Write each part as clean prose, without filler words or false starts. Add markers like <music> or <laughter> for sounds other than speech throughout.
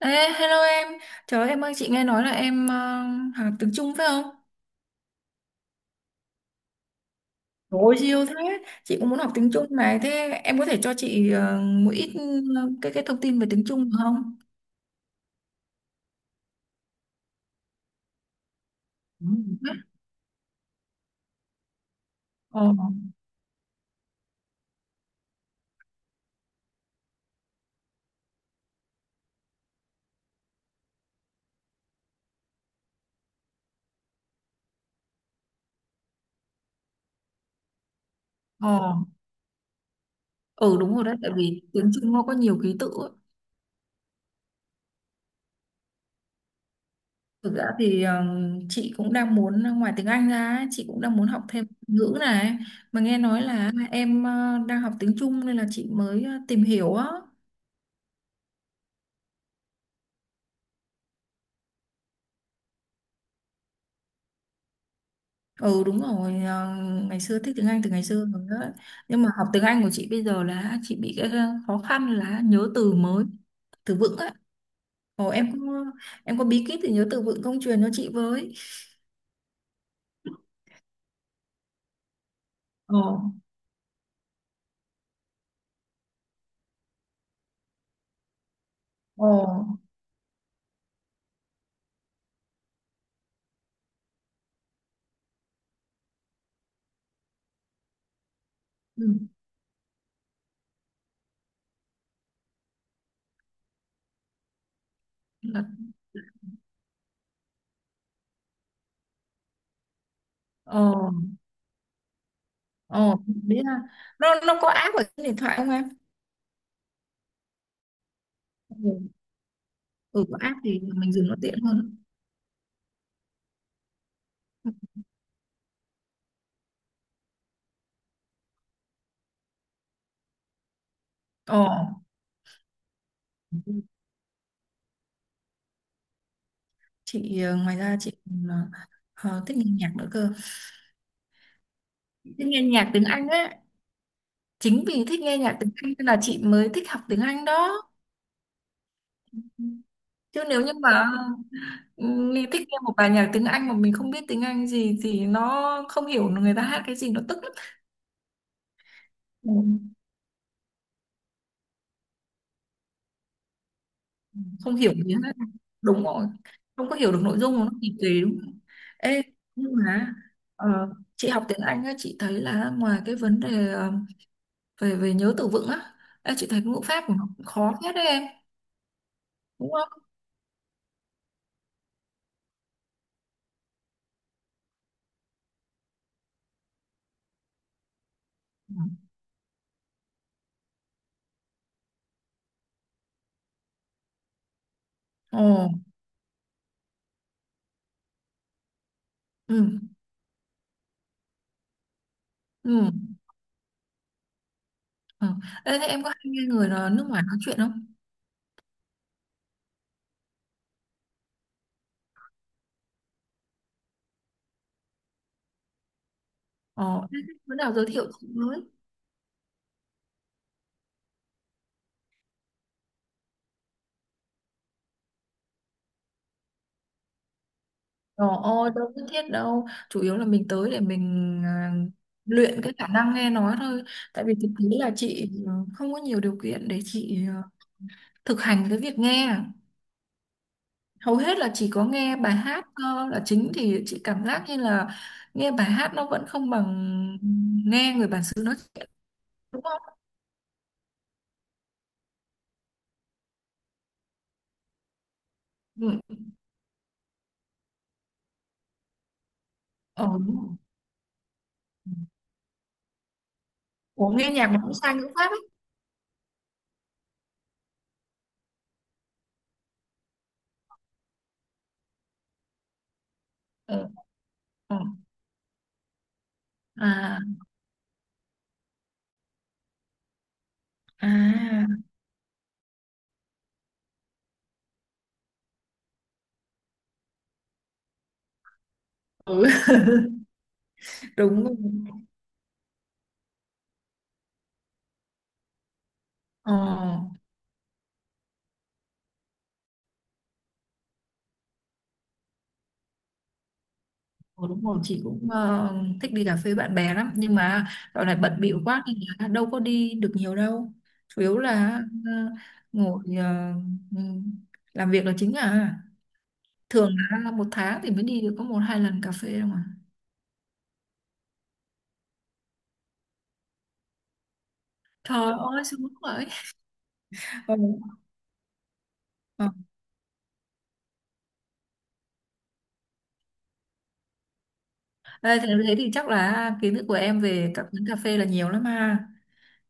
Ê, hello em. Trời ơi, em ơi, chị nghe nói là em học tiếng Trung phải không? Trời ơi, siêu thế. Chị cũng muốn học tiếng Trung này. Thế em có thể cho chị một ít ờ, cái thông tin về tiếng Trung được không? Ừ. Ờ, ờ, ừ đúng rồi đấy. Tại vì tiếng Trung nó có nhiều ký tự ấy. Thực ra thì chị cũng đang muốn, ngoài tiếng Anh ra, ấy, chị cũng đang muốn học thêm ngữ này. Mà nghe nói là em đang học tiếng Trung nên là chị mới tìm hiểu á. Ừ đúng rồi, ngày xưa thích tiếng Anh từ ngày xưa rồi đó. Nhưng mà học tiếng Anh của chị bây giờ là chị bị cái khó khăn là nhớ từ mới, từ vựng á. Ồ, em có, em có bí kíp thì nhớ từ vựng không, truyền cho chị với. Ồ ồ ừ. là- ồ ồ Đấy là nó có app ở trên điện thoại không em? Ừ, ừ, có app thì mình dùng nó tiện hơn. Ồ, chị ngoài ra chị còn, thích nghe nhạc nữa cơ. Thích nghe nhạc tiếng Anh á. Chính vì thích nghe nhạc tiếng Anh nên là chị mới thích học tiếng Anh đó. Chứ nếu như mà, ừ, mình thích nghe một bài nhạc tiếng Anh mà mình không biết tiếng Anh gì thì nó không hiểu người ta hát cái gì, nó tức lắm. Ừ. Không hiểu gì hết, đúng rồi. Không có hiểu được nội dung của nó thì tùy đúng không? Ê, nhưng mà ờ, chị học tiếng Anh á, chị thấy là ngoài cái vấn đề ờ, về về nhớ từ vựng á, ê, chị thấy ngữ pháp của nó cũng khó hết đấy em, đúng không? ồ ừ, ừ. Ờ. Ê, thế em có hay nghe người nó nước ngoài nói chuyện không? Ờ, thế bữa nào giới thiệu chị với. Ờ, ôi, đâu nhất thiết đâu. Chủ yếu là mình tới để mình à, luyện cái khả năng nghe nói thôi. Tại vì thực tế là chị không có nhiều điều kiện để chị thực hành cái việc nghe. Hầu hết là chỉ có nghe bài hát là chính, thì chị cảm giác như là nghe bài hát nó vẫn không bằng nghe người bản xứ nói chuyện. Đúng không? Ừ. Ờ, đúng rồi. Ủa, nghe nhạc mà cũng sang ngữ pháp ấy. Ờ, ờ. À, à, ừ. <laughs> Đúng rồi. Ờ, ờ, đúng rồi, chị cũng thích đi cà phê bạn bè lắm. Nhưng mà dạo này bận bịu quá nên là đâu có đi được nhiều đâu. Chủ yếu là ờ, ngồi, ừm, làm việc là chính à. Thường là một tháng thì mới đi được có một hai lần cà phê đâu mà. Trời ơi, sướng vậy. <laughs> Ừ. Ờ. Ê, thế thế thì chắc là kiến thức của em về các quán cà phê là nhiều lắm ha.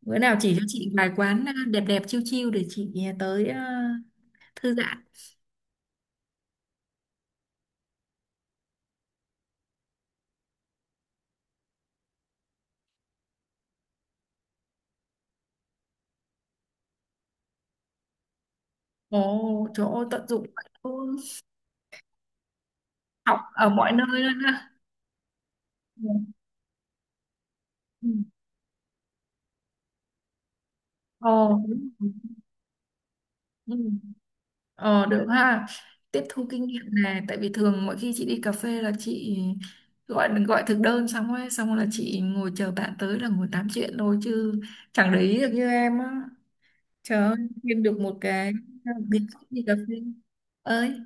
Bữa nào chỉ cho chị vài quán đẹp đẹp chiêu chiêu để chị tới thư giãn. Ồ, trời ơi, tận dụng vậy luôn. Học ở mọi nơi luôn ha. Ừ. Ừ. Ờ, đúng rồi. Ừ. Ờ, được ha. Tiếp thu kinh nghiệm này, tại vì thường mỗi khi chị đi cà phê là chị gọi gọi thực đơn xong ấy, xong là chị ngồi chờ bạn tới là ngồi tám chuyện thôi chứ chẳng để ý được như em á. Trời ơi, kiếm được một cái biệt đi cà phê. Ơi,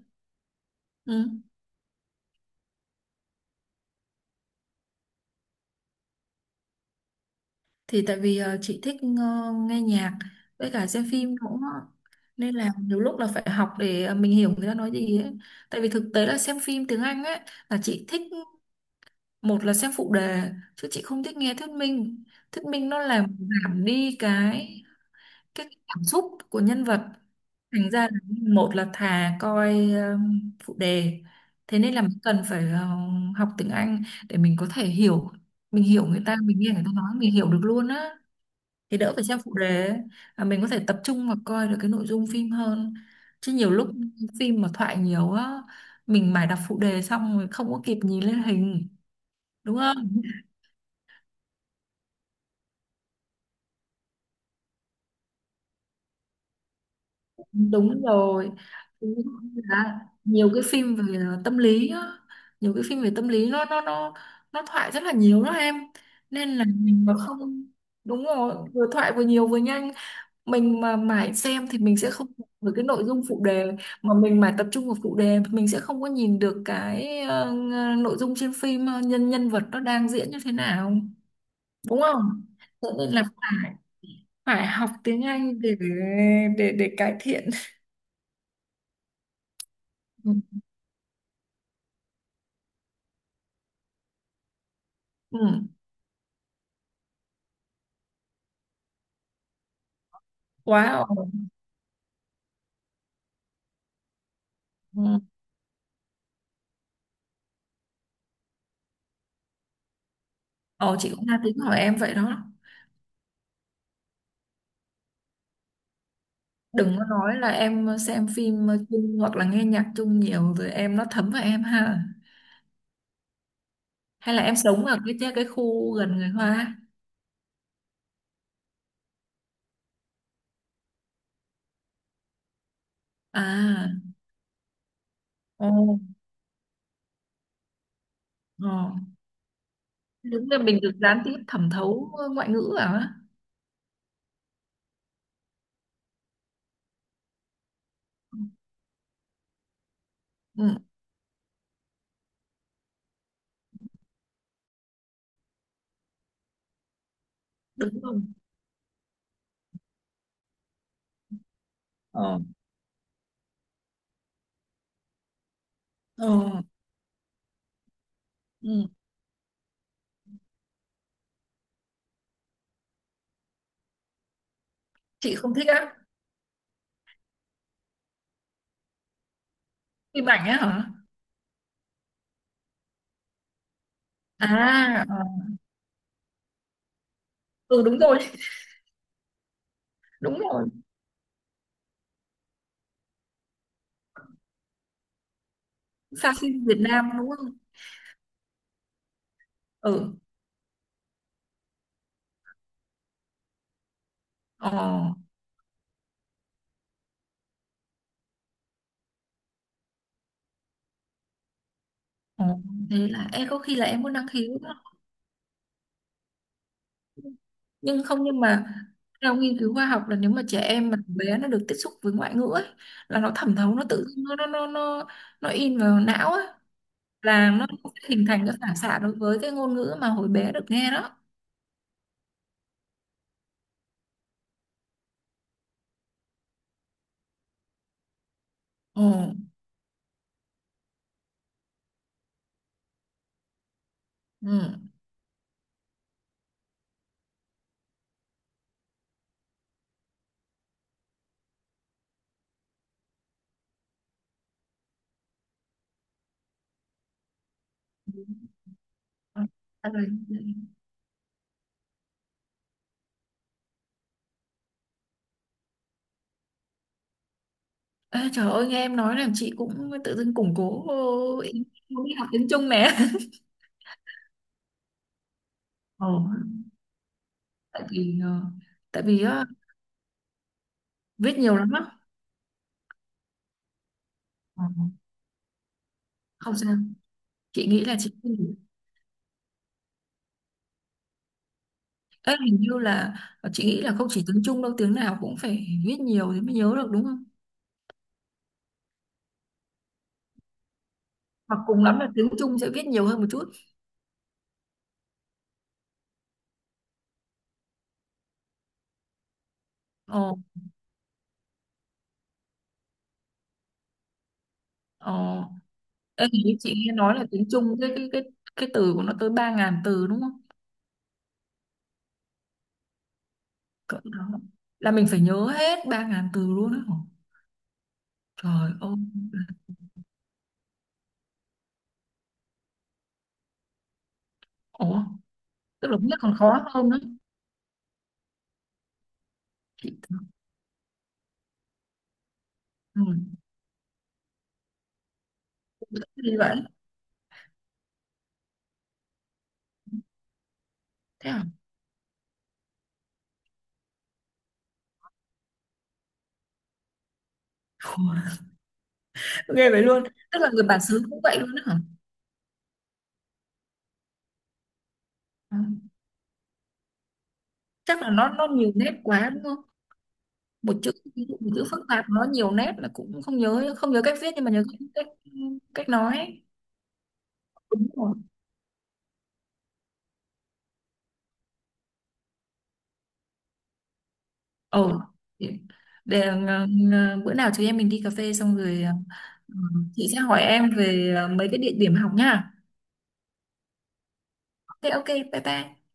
ừ. Thì tại vì chị thích nghe nhạc với cả xem phim cũng, nên là nhiều lúc là phải học để mình hiểu người ta nói gì ấy. Tại vì thực tế là xem phim tiếng Anh ấy, là chị thích một là xem phụ đề chứ chị không thích nghe thuyết minh. Thuyết minh nó làm giảm đi cái cảm xúc của nhân vật. Thành ra là một là thà coi phụ đề. Thế nên là mình cần phải học tiếng Anh để mình có thể hiểu, mình hiểu người ta, mình nghe người ta nói mình hiểu được luôn á, thì đỡ phải xem phụ đề ấy. À, mình có thể tập trung và coi được cái nội dung phim hơn. Chứ nhiều lúc phim mà thoại nhiều á, mình mải đọc phụ đề xong rồi không có kịp nhìn lên hình, đúng không? Đúng rồi. Đúng là nhiều cái phim về tâm lý á, nhiều cái phim về tâm lý nó thoại rất là nhiều đó em, nên là mình mà không, đúng rồi, vừa thoại vừa nhiều vừa nhanh, mình mà mãi xem thì mình sẽ không, với cái nội dung phụ đề, mà mình mãi tập trung vào phụ đề thì mình sẽ không có nhìn được cái nội dung trên phim, ờ, nhân nhân vật nó đang diễn như thế nào, đúng không? Thế nên là phải phải học tiếng Anh để để cải thiện. Ừ. Ừ. Wow. Ừ. Ồ, chị cũng đang tính hỏi em vậy đó. Đừng có nói là em xem phim chung hoặc là nghe nhạc chung nhiều rồi em nó thấm vào em ha, hay là em sống ở cái khu gần người Hoa à. Ờ, ờ. Đúng là mình được gián tiếp thẩm thấu ngoại ngữ à? Ừ, đúng rồi. Ờ, ờ, ừ. Chị không thích á, phim ảnh á hả? À, ờ. Ừ đúng rồi, đúng rồi. Sao phim Việt Nam đúng không? Ừ, ờ, ờ. Thế là em có khi là em có năng khiếu đó. Nhưng không, nhưng mà theo nghiên cứu khoa học là nếu mà trẻ em mà từ bé nó được tiếp xúc với ngoại ngữ ấy, là nó thẩm thấu nó tự dưng nó in vào não ấy, là nó sẽ hình thành cái phản xạ đối với cái ngôn ngữ mà hồi bé được nghe đó. Ừ. Ừ. À, rồi. Ê, trời ơi nghe em nói làm chị cũng tự dưng củng cố ý muốn đi học tiếng Trung nè. Ồ, tại vì tại vì ờ, viết nhiều lắm á. Ờ, không sao, chị nghĩ là chị. Ê, hình như là chị nghĩ là không chỉ tiếng Trung đâu, tiếng nào cũng phải viết nhiều thì mới nhớ được đúng không, hoặc cùng lắm là tiếng Trung sẽ viết nhiều hơn một chút. Ồ, ồ Ê, ý chị nghe nói là tiếng Trung cái cái từ của nó tới 3.000 từ đúng không? Cỡ đó. Là mình phải nhớ hết 3.000 từ luôn đó hả? Trời ơi. Ủa, tức là biết còn khó hơn nữa. Chị tưởng- ừ. Đi vậy. Thế hả? Ủa, ghê vậy luôn. Tức là người bản xứ cũng vậy luôn đó hả? Ừ. Chắc là nó nhiều nét quá đúng không? Một chữ, ví dụ một chữ phức tạp nó nhiều nét là cũng không nhớ, không nhớ cách viết nhưng mà nhớ cách cách, cách nói ấy. Đúng rồi. Ồ, để, ờ, bữa nào chúng em mình đi cà phê xong rồi chị sẽ hỏi em về mấy cái địa điểm học nha. Thế ok, bye bye.